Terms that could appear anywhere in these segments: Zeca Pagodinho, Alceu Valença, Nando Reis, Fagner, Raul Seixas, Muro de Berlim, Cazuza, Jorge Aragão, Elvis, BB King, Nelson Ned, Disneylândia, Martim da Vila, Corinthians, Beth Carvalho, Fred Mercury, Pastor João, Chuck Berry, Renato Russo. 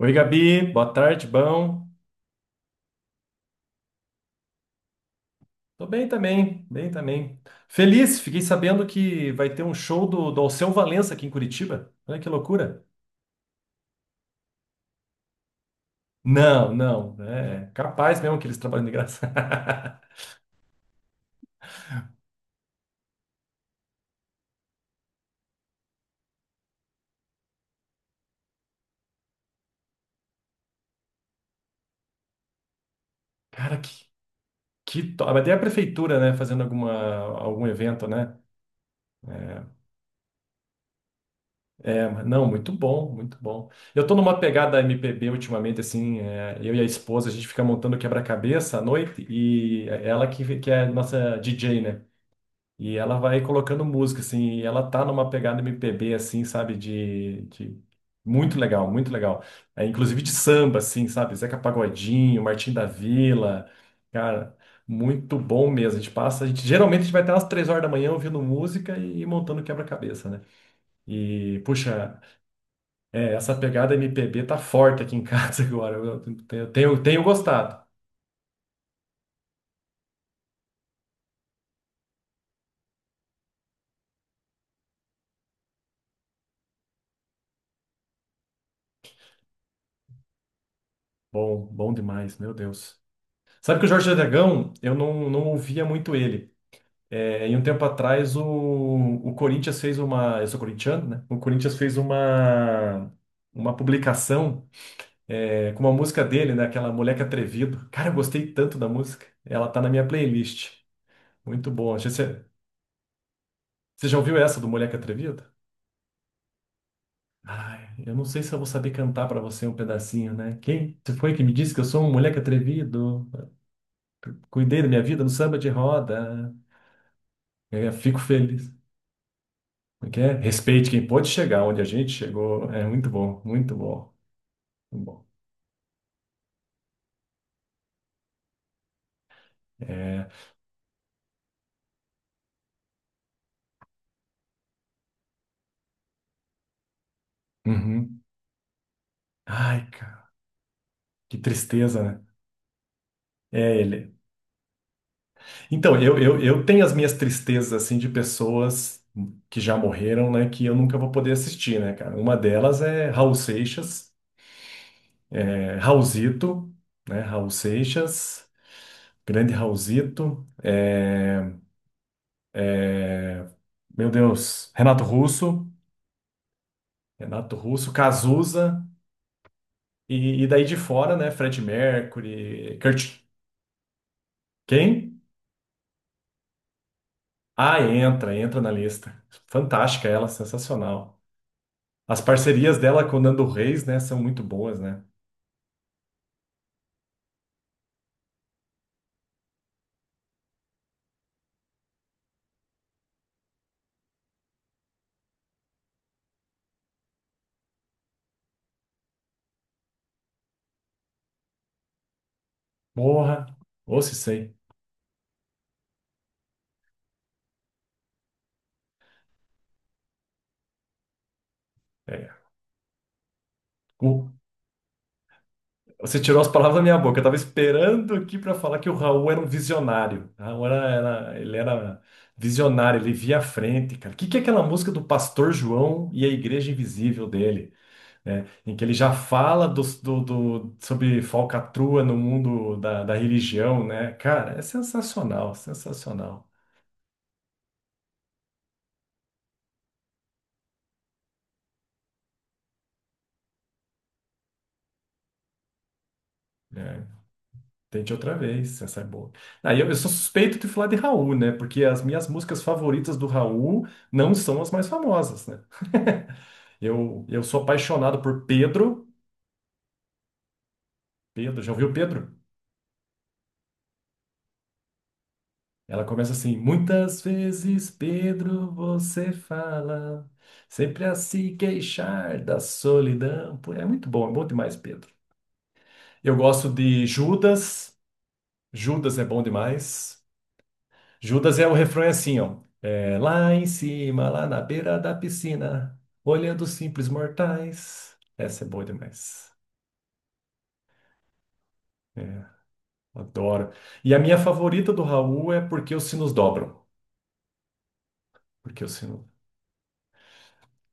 Oi, Gabi, boa tarde, bom. Tô bem também, bem também. Feliz, fiquei sabendo que vai ter um show do Alceu Valença aqui em Curitiba. Olha que loucura. Não, não, é capaz mesmo que eles trabalham de graça. Cara, que top. Mas tem a prefeitura, né, fazendo alguma, algum evento, né? É, mas não, muito bom, muito bom. Eu tô numa pegada MPB ultimamente, assim, eu e a esposa, a gente fica montando quebra-cabeça à noite e é ela que é nossa DJ, né? E ela vai colocando música, assim, e ela tá numa pegada MPB, assim, sabe, Muito legal, muito legal. É, inclusive de samba, assim, sabe, Zeca Pagodinho, Martim da Vila, cara, muito bom mesmo. A gente passa, a gente, geralmente a gente vai até umas 3 horas da manhã ouvindo música e montando quebra-cabeça, né? E, puxa, essa pegada MPB tá forte aqui em casa agora, eu tenho gostado. Bom, bom demais, meu Deus. Sabe que o Jorge Aragão, eu não ouvia muito ele. É, e um tempo atrás o Corinthians fez uma. Eu sou corintiano, né? O Corinthians fez uma publicação com uma música dele, né? Aquela Moleque Atrevido. Cara, eu gostei tanto da música. Ela tá na minha playlist. Muito bom. Acho que você já ouviu essa do Moleque Atrevido? Ai, eu não sei se eu vou saber cantar pra você um pedacinho, né? Quem? Você foi que me disse que eu sou um moleque atrevido? Cuidei da minha vida no samba de roda. É, fico feliz. Como é que é? Respeite quem pode chegar onde a gente chegou. É muito bom, muito bom, muito bom. É, uhum. Ai, cara, que tristeza, né? É ele. Então, eu tenho as minhas tristezas, assim, de pessoas que já morreram, né, que eu nunca vou poder assistir, né, cara? Uma delas é Raul Seixas, é, Raulzito, né? Raul Seixas, grande Raulzito. Meu Deus, Renato Russo, Renato Russo, Cazuza, e daí de fora, né, Fred Mercury, Kurt. Quem? Ah, entra, entra na lista. Fantástica ela, sensacional. As parcerias dela com o Nando Reis, né, são muito boas, né? Porra, ou se sei. É. O- Você tirou as palavras da minha boca. Eu tava esperando aqui para falar que o Raul era um visionário. O Raul era, era- ele era visionário, ele via a frente, cara. O que que é aquela música do Pastor João e a Igreja Invisível dele? Né, em que ele já fala sobre falcatrua no mundo da religião, né? Cara, é sensacional, sensacional. Né? Tente outra vez, essa é boa. Ah, e eu sou suspeito de falar de Raul, né? Porque as minhas músicas favoritas do Raul não são as mais famosas, né? Eu sou apaixonado por Pedro. Pedro, já ouviu Pedro? Ela começa assim: muitas vezes, Pedro, você fala, sempre a se queixar da solidão. Pô, é muito bom, é bom demais, Pedro. Eu gosto de Judas, Judas é bom demais. Judas é o refrão é assim, ó. É, lá em cima, lá na beira da piscina, olhando os simples mortais. Essa é boa demais. É, adoro. E a minha favorita do Raul é Porque os Sinos Dobram. Porque os Sinos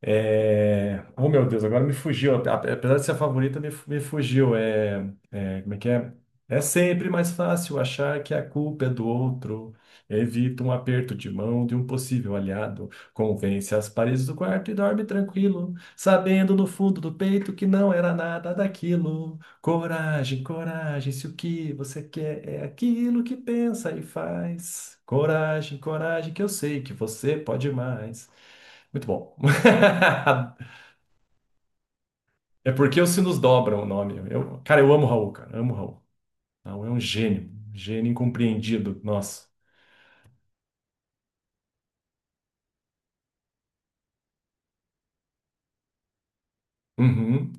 É... Oh, meu Deus, agora me fugiu. Apesar de ser a favorita, me fugiu. É... é, como é que é? É sempre mais fácil achar que a culpa é do outro. Evita um aperto de mão de um possível aliado. Convence as paredes do quarto e dorme tranquilo, sabendo no fundo do peito que não era nada daquilo. Coragem, coragem, se o que você quer é aquilo que pensa e faz. Coragem, coragem, que eu sei que você pode mais. Muito bom. É porque os sinos dobram o nome. Eu amo o Raul, cara. Amo o Raul. O Raul é um gênio. Um gênio incompreendido. Nossa. Uhum.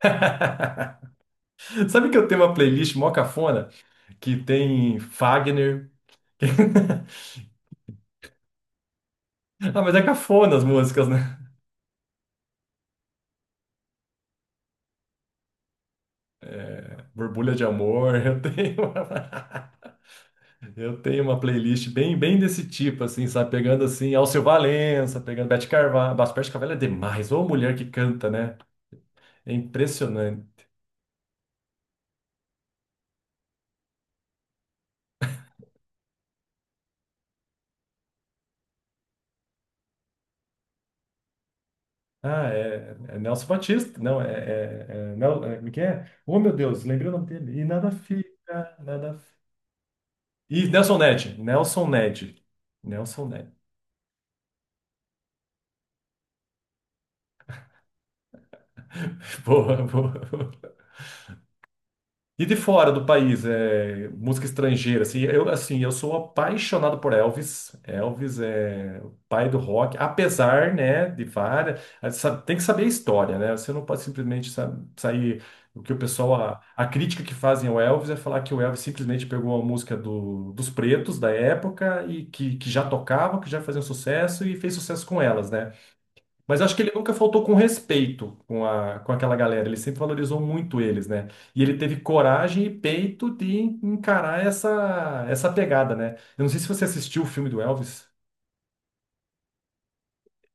Sabe que eu tenho uma playlist mó cafona que tem Fagner. Ah, mas é cafona as músicas, né? Borbulha de Amor. Eu tenho uma, eu tenho uma playlist bem, bem desse tipo, assim, sabe? Pegando assim Alceu Valença, pegando Beth Carvalho. Nossa, Beth Carvalho é demais. Ou mulher que canta, né? É impressionante. Ah, é, é Nelson Batista. Não, como é que é? Oh, meu Deus, lembrei o nome dele. E nada fica, nada. E Nelson Ned. Nelson Ned. Nelson Ned. Boa, boa. E de fora do país, é, música estrangeira, assim, eu sou apaixonado por Elvis. Elvis é o pai do rock, apesar, né, de várias... ah, tem que saber a história, né? Você não pode simplesmente sair... O que o pessoal... a crítica que fazem ao Elvis é falar que o Elvis simplesmente pegou a música dos pretos da época e que já tocavam, que já faziam sucesso e fez sucesso com elas, né? Mas eu acho que ele nunca faltou com respeito com, a, com aquela galera. Ele sempre valorizou muito eles, né? E ele teve coragem e peito de encarar essa pegada, né? Eu não sei se você assistiu o filme do Elvis.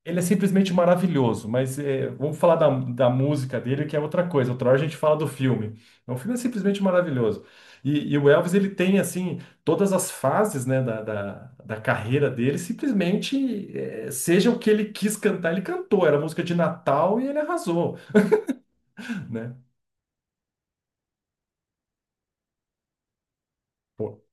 Ele é simplesmente maravilhoso, mas é, vamos falar da música dele, que é outra coisa. Outra hora a gente fala do filme. O filme é simplesmente maravilhoso. E o Elvis, ele tem, assim, todas as fases, né, da carreira dele, simplesmente, é, seja o que ele quis cantar, ele cantou. Era música de Natal e ele arrasou. Né? Pô,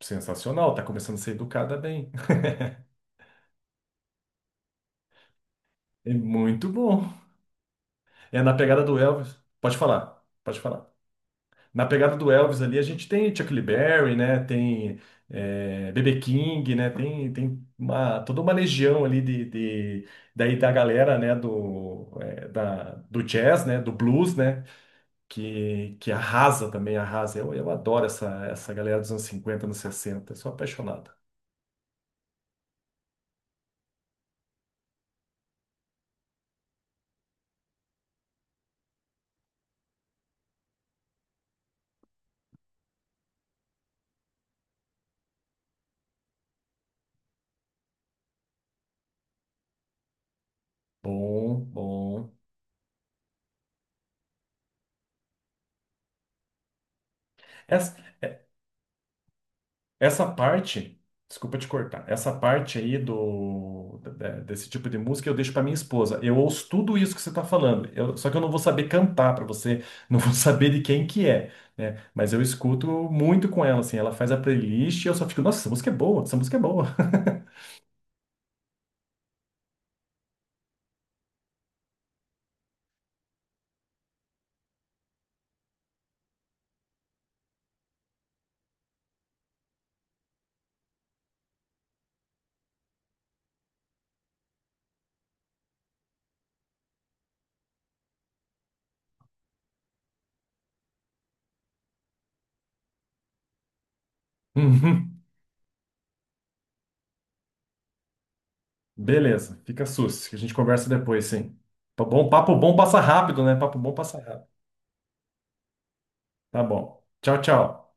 sensacional, tá começando a ser educada bem. É muito bom. É na pegada do Elvis. Pode falar, pode falar. Na pegada do Elvis ali, a gente tem Chuck Berry, né? Tem é, BB King, né? Tem, tem uma, toda uma legião ali daí da galera, né? Do, é, do jazz, né? Do blues, né? Que arrasa também, arrasa. Eu adoro essa galera dos anos 50, anos 60. Eu sou apaixonado. Bom, bom. Essa- Essa parte, desculpa te cortar, essa parte aí desse tipo de música eu deixo pra minha esposa. Eu ouço tudo isso que você tá falando, só que eu não vou saber cantar pra você, não vou saber de quem que é, né? Mas eu escuto muito com ela, assim, ela faz a playlist e eu só fico, nossa, essa música é boa, essa música é boa. Uhum. Beleza, fica sus, que a gente conversa depois, sim. Tá bom, papo bom passa rápido, né? Papo bom passa rápido. Tá bom. Tchau, tchau.